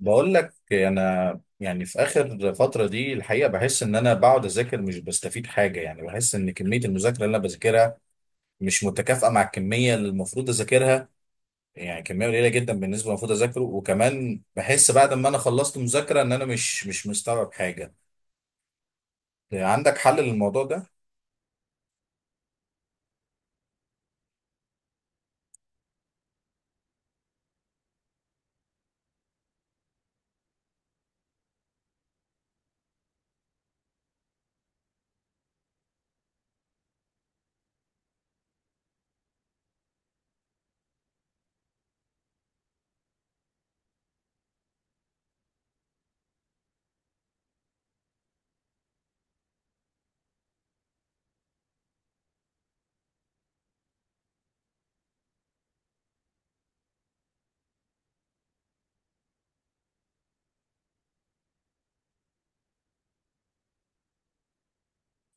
بقول لك انا يعني في اخر فتره دي الحقيقه بحس ان انا بقعد اذاكر مش بستفيد حاجه. يعني بحس ان كميه المذاكره اللي انا بذاكرها مش متكافئه مع الكميه اللي المفروض اذاكرها. يعني كميه قليله جدا بالنسبه للمفروض اذاكره. وكمان بحس بعد ما انا خلصت مذاكره ان انا مش مستوعب حاجه. عندك حل للموضوع ده؟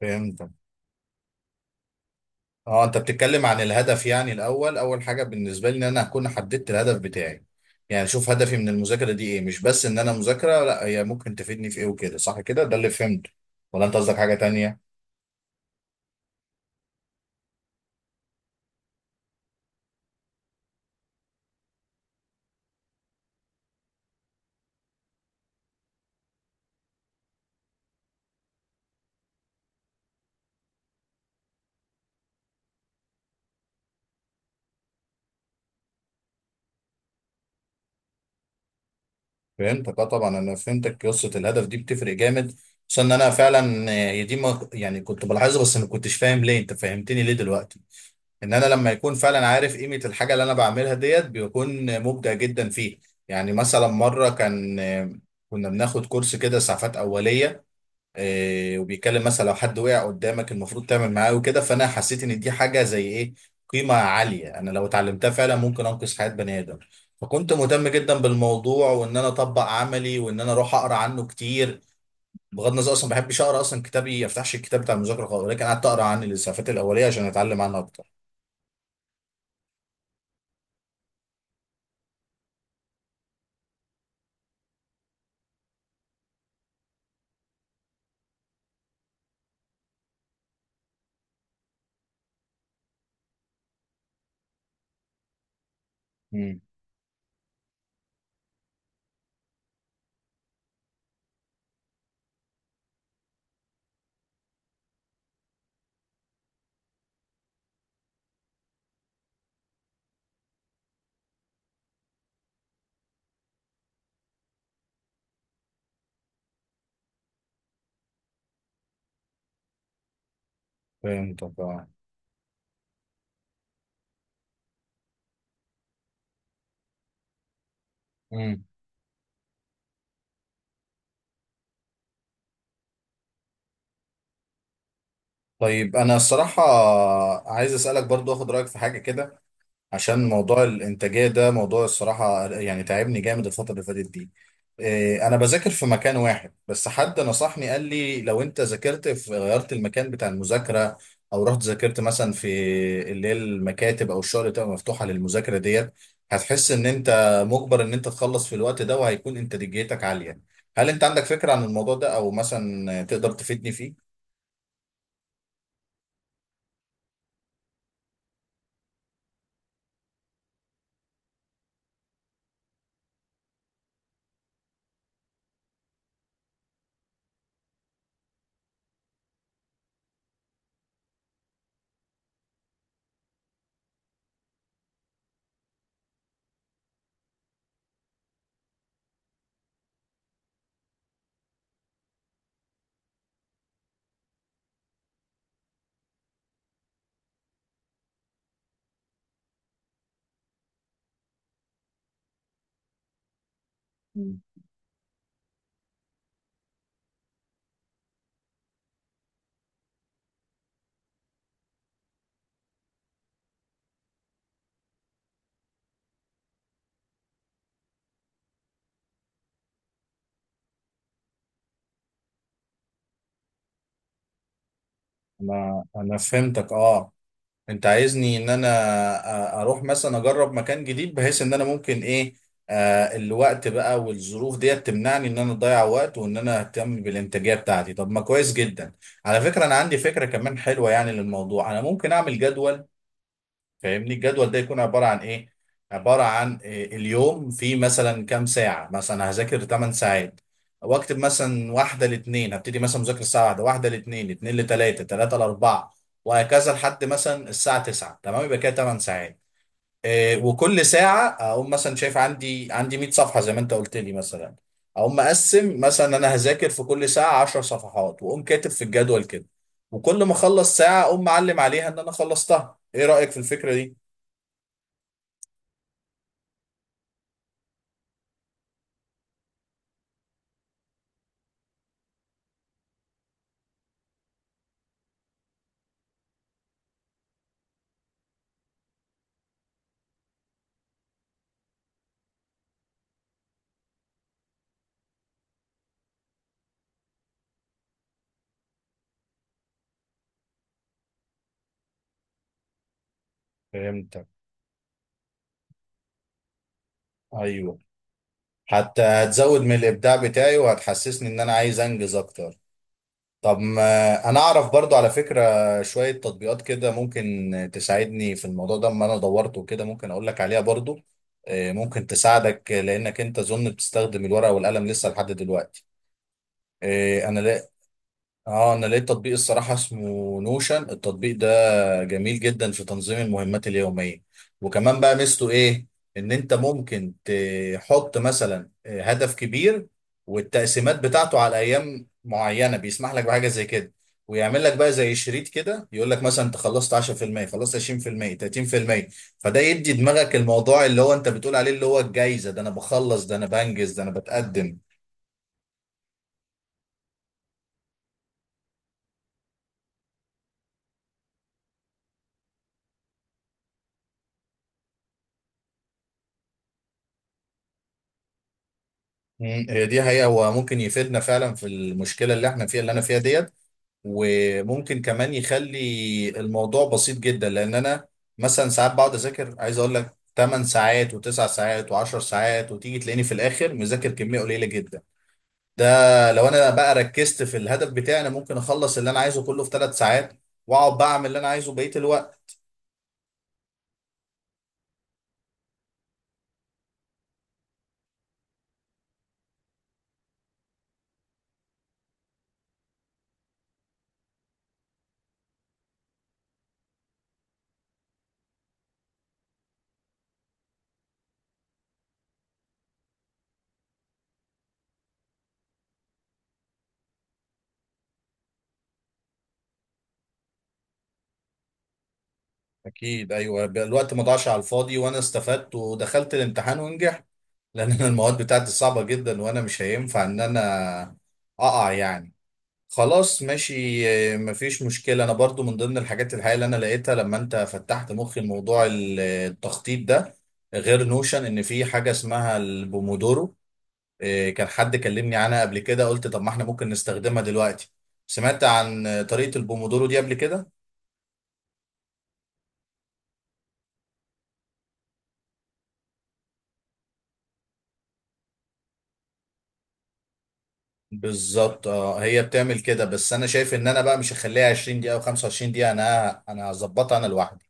فهمت. اه، انت بتتكلم عن الهدف، يعني الاول اول حاجه بالنسبه لي ان انا اكون حددت الهدف بتاعي. يعني اشوف هدفي من المذاكره دي ايه، مش بس ان انا مذاكره، لا هي ممكن تفيدني في ايه وكده، صح كده؟ ده اللي فهمته. ولا انت قصدك حاجه تانية؟ فهمتك اه، طبعا انا فهمتك، قصه الهدف دي بتفرق جامد، خصوصا ان انا فعلا دي ما يعني كنت بلاحظها، بس ما كنتش فاهم ليه، انت فهمتني ليه دلوقتي. ان انا لما يكون فعلا عارف قيمة الحاجة اللي انا بعملها ديت بيكون مبدع جدا فيه. يعني مثلا مرة كان كنا بناخد كورس كده اسعافات اولية وبيتكلم مثلا لو حد وقع قدامك المفروض تعمل معاه وكده، فانا حسيت ان دي حاجة زي ايه، قيمة عالية، انا لو اتعلمتها فعلا ممكن انقذ حياة بني ادم. فكنت مهتم جدا بالموضوع، وان انا اطبق عملي، وان انا اروح اقرا عنه كتير، بغض النظر اصلا ما بحبش اقرا، اصلا كتابي ما افتحش الكتاب بتاع المذاكره خالص، ولكن قعدت اقرا عن الاسعافات الاوليه عشان اتعلم عنها اكتر. مم. فهمتك اه. مم. طيب انا الصراحه عايز اسالك برضو، اخد رايك في حاجه كده، عشان موضوع الانتاجيه ده موضوع الصراحه يعني تعبني جامد الفتره اللي فاتت دي. انا بذاكر في مكان واحد بس، حد نصحني قال لي لو انت ذاكرت في غيرت المكان بتاع المذاكره، او رحت ذاكرت مثلا في اللي هي المكاتب او الشغل اللي بتبقى مفتوحه للمذاكره ديت، هتحس ان انت مجبر ان انت تخلص في الوقت ده، وهيكون انتاجيتك عاليه. هل انت عندك فكره عن الموضوع ده، او مثلا تقدر تفيدني فيه؟ انا فهمتك اه، انت عايزني ان انا اروح مثلا اجرب مكان جديد، بحيث ان انا ممكن ايه، الوقت بقى والظروف ديت تمنعني ان انا اضيع وقت، وان انا اهتم بالانتاجيه بتاعتي. طب ما كويس جدا. على فكره، انا عندي فكره كمان حلوه يعني للموضوع، انا ممكن اعمل جدول، فاهمني؟ الجدول ده يكون عبارة عن ايه؟ عبارة عن إيه؟ اليوم فيه مثلا كام ساعة، مثلا هذاكر 8 ساعات، واكتب مثلا واحدة لاتنين، هبتدي مثلا مذاكرة الساعة واحدة، واحدة لاتنين، اتنين لتلاتة، تلاتة لأربعة، وهكذا، لحد مثلا الساعة 9، تمام، يبقى كده 8 ساعات. وكل ساعة أقوم مثلا شايف عندي 100 صفحة زي ما أنت قلت لي مثلا، أقوم مقسم مثلا أنا هذاكر في كل ساعة 10 صفحات، وأقوم كاتب في الجدول كده، وكل ما أخلص ساعة أقوم معلم عليها إن أنا خلصتها. إيه رأيك في الفكرة دي؟ فهمتك. ايوه، حتى هتزود من الابداع بتاعي، وهتحسسني ان انا عايز انجز اكتر. طب ما انا اعرف برضو على فكره شويه تطبيقات كده ممكن تساعدني في الموضوع ده، اما انا دورت وكده، ممكن اقول لك عليها برضو. ممكن تساعدك، لانك انت اظن بتستخدم الورقه والقلم لسه لحد دلوقتي. انا لقيت. اه انا لقيت تطبيق الصراحه اسمه نوشن، التطبيق ده جميل جدا في تنظيم المهمات اليومية. وكمان بقى ميزته ايه؟ ان انت ممكن تحط مثلا هدف كبير، والتقسيمات بتاعته على ايام معينة بيسمح لك بحاجة زي كده، ويعمل لك بقى زي شريط كده يقول لك مثلا انت خلصت 10%، خلصت 20%، 30%. فده يدي دماغك الموضوع اللي هو انت بتقول عليه، اللي هو الجايزة، ده انا بخلص، ده انا بنجز، ده انا بتقدم. هي دي حقيقة، هو ممكن يفيدنا فعلا في المشكلة اللي احنا فيها، اللي انا فيها دي، وممكن كمان يخلي الموضوع بسيط جدا، لان انا مثلا ساعات بقعد اذاكر عايز اقول لك 8 ساعات و9 ساعات و10 ساعات، وتيجي تلاقيني في الاخر مذاكر كميه قليله جدا. ده لو انا بقى ركزت في الهدف بتاعي انا ممكن اخلص اللي انا عايزه كله في 3 ساعات، واقعد بقى اعمل اللي انا عايزه بقيه الوقت. اكيد، ايوه بقى الوقت ما ضاعش على الفاضي، وانا استفدت ودخلت الامتحان ونجحت. لان انا المواد بتاعتي صعبه جدا، وانا مش هينفع ان انا اقع يعني. خلاص ماشي. مفيش مشكلة، أنا برضو من ضمن الحاجات الحقيقة اللي أنا لقيتها لما أنت فتحت مخي الموضوع التخطيط ده، غير نوشن، إن في حاجة اسمها البومودورو. كان حد كلمني عنها قبل كده، قلت طب ما إحنا ممكن نستخدمها دلوقتي. سمعت عن طريقة البومودورو دي قبل كده؟ بالظبط اه، هي بتعمل كده، بس أنا شايف إن أنا بقى مش هخليها 20 دقيقة أو 25 دقيقة، أنا هظبطها أنا لوحدي.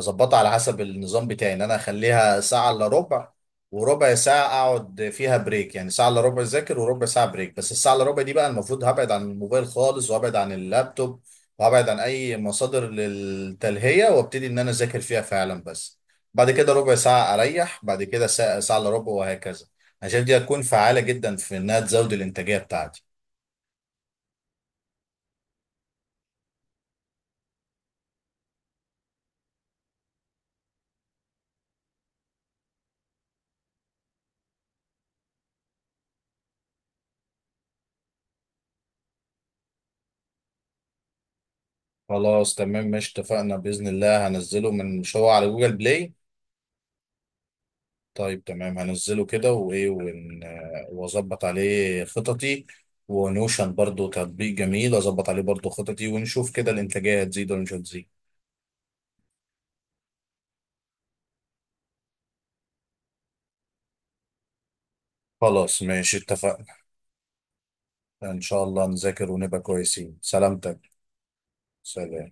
هظبطها على حسب النظام بتاعي، ان انا اخليها ساعة الا ربع، وربع ساعة اقعد فيها بريك، يعني ساعة الا ربع اذاكر، وربع ساعة بريك، بس الساعة الا ربع دي بقى المفروض هبعد عن الموبايل خالص، وابعد عن اللابتوب، وابعد عن اي مصادر للتلهية، وابتدي ان انا اذاكر فيها فعلا بس. بعد كده ربع ساعة اريح، بعد كده ساعة الا ربع، وهكذا. انا شايف دي هتكون فعالة جدا في انها تزود الانتاجية بتاعتي. خلاص تمام، مش اتفقنا بإذن الله هنزله من مش هو على جوجل بلاي. طيب تمام، هنزله كده، وايه واظبط عليه خططي، ونوشن برضو تطبيق جميل اظبط عليه برضو خططي، ونشوف كده الانتاجية هتزيد ولا مش هتزيد. خلاص ماشي اتفقنا. ان شاء الله نذاكر ونبقى كويسين. سلامتك. سلام.